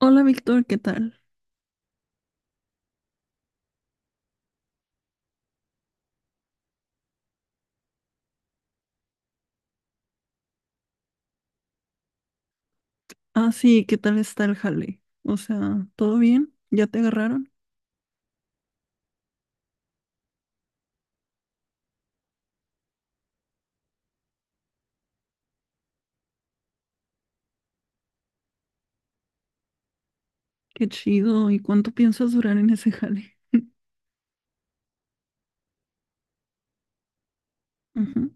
Hola Víctor, ¿qué tal? Ah, sí, ¿qué tal está el jale? O sea, ¿todo bien? ¿Ya te agarraron? Qué chido. ¿Y cuánto piensas durar en ese jale? Ujú.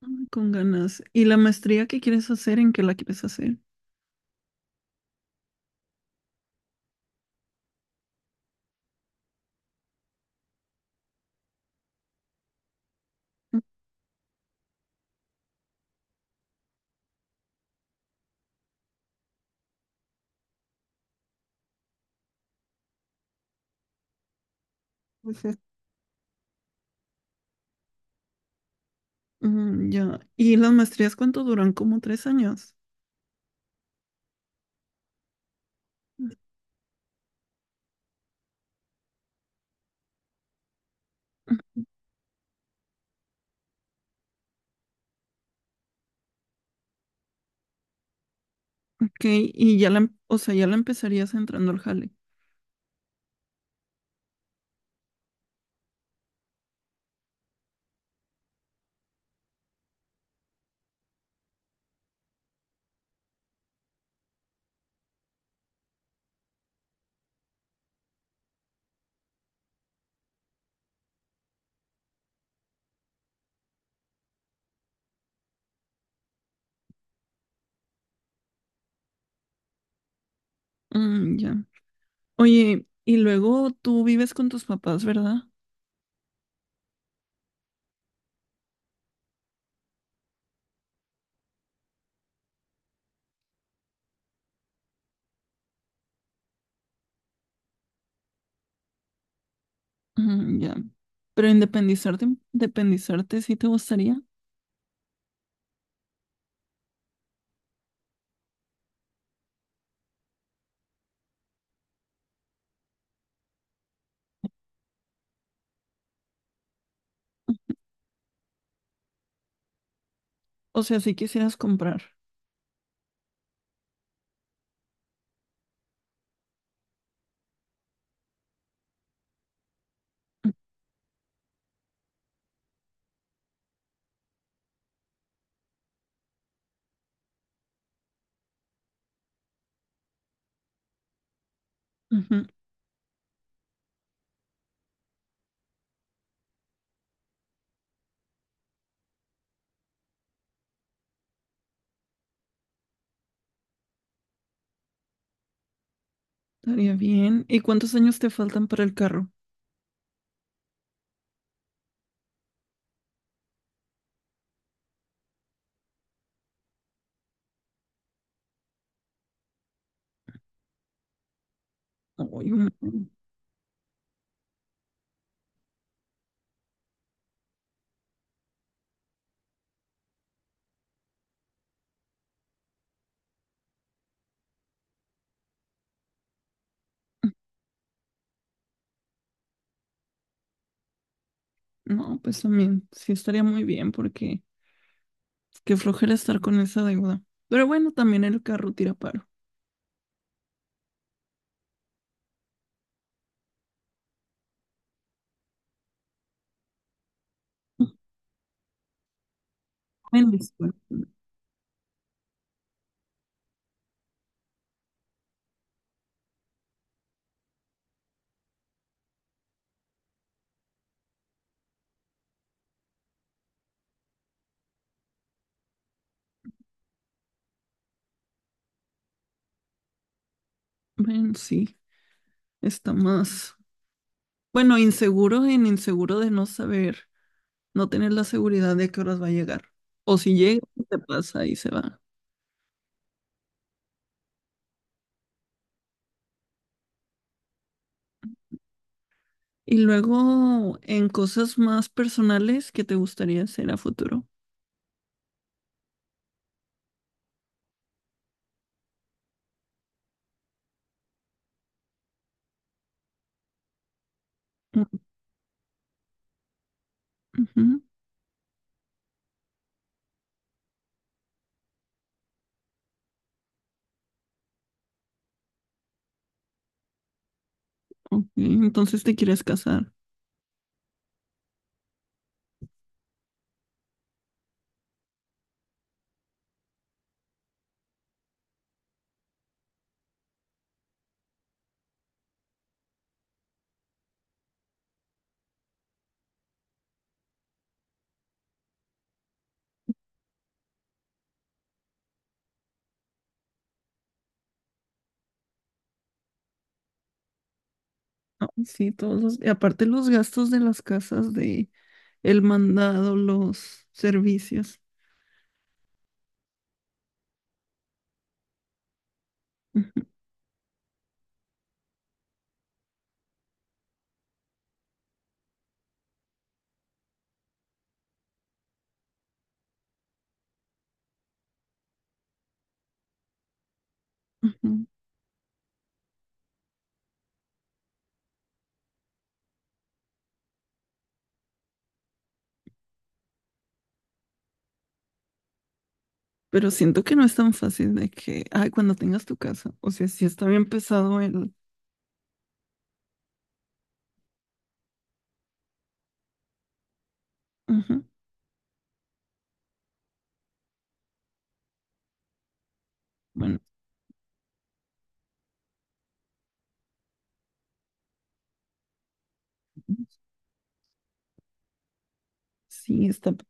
Mm, con ganas. ¿Y la maestría que quieres hacer? ¿En qué la quieres hacer? Mm, pues es- mm, ya. ¿Y las maestrías cuánto duran? ¿Como tres años? Mm. Ok, y ya o sea, ya la empezarías entrando al jale. Mm, ya. Oye, y luego tú vives con tus papás, ¿verdad? Ujú, ya. Pero independizarte, independizarte sí te gustaría. O sea, si quisieras comprar. Ujú, estaría bien. ¿Y cuántos años te faltan para el carro? Uy, un- No, pues también sí estaría muy bien porque qué flojera estar con esa deuda. Pero bueno, también el carro tira paro. Buen descuento. Bueno, sí, está más. Bueno, inseguro de no saber, no tener la seguridad de que horas va a llegar. O si llega, te pasa y se va. Y luego en cosas más personales que te gustaría hacer a futuro. Ujú, ujú, ok, entonces te quieres casar. Ah, sí, todos los, y aparte los gastos de las casas, de el mandado, los servicios. Ujú, ujú. Pero siento que no es tan fácil de que, ay, cuando tengas tu casa. O sea, sí está bien pesado el. Ujú, Bueno, sí está. pe-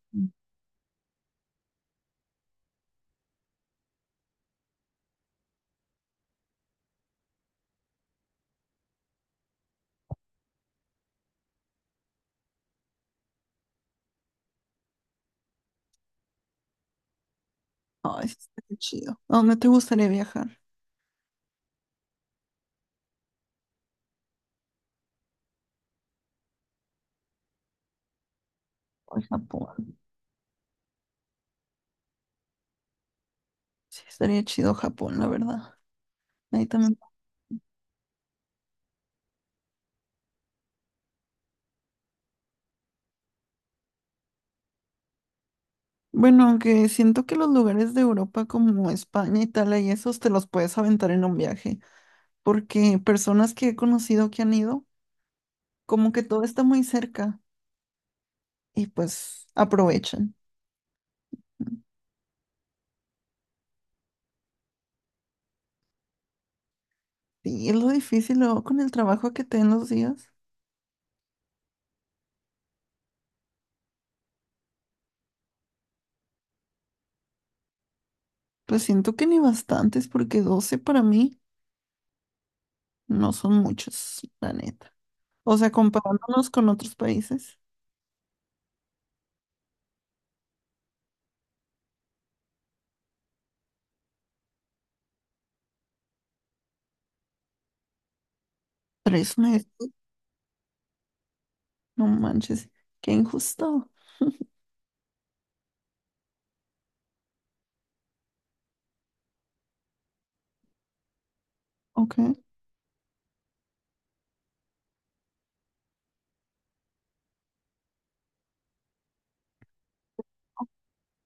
ay, sí estaría chido. ¿A dónde te gustaría viajar? Ay, Japón. Sí, estaría chido Japón, la verdad. Ahí también bueno, aunque siento que los lugares de Europa como España, Italia y esos te los puedes aventar en un viaje, porque personas que he conocido que han ido, como que todo está muy cerca y pues aprovechan. Y es lo difícil luego con el trabajo que te den los días, pues siento que ni bastantes, porque 12 para mí no son muchos, la neta. O sea, comparándonos con otros países, tres meses, no manches, qué injusto. Ok.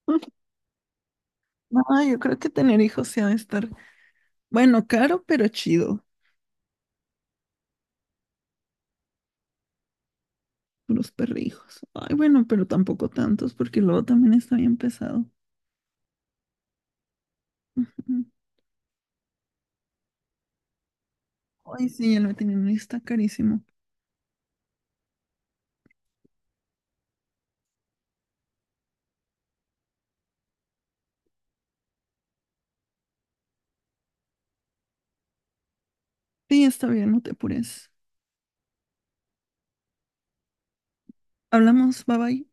No, yo creo que tener hijos se ha de estar bueno, caro, pero chido. Los perrijos. Ay, bueno, pero tampoco tantos, porque luego también está bien pesado. Ujú. Ay, sí, el veterinario está carísimo. Sí, está bien, no te apures. Hablamos, bye bye.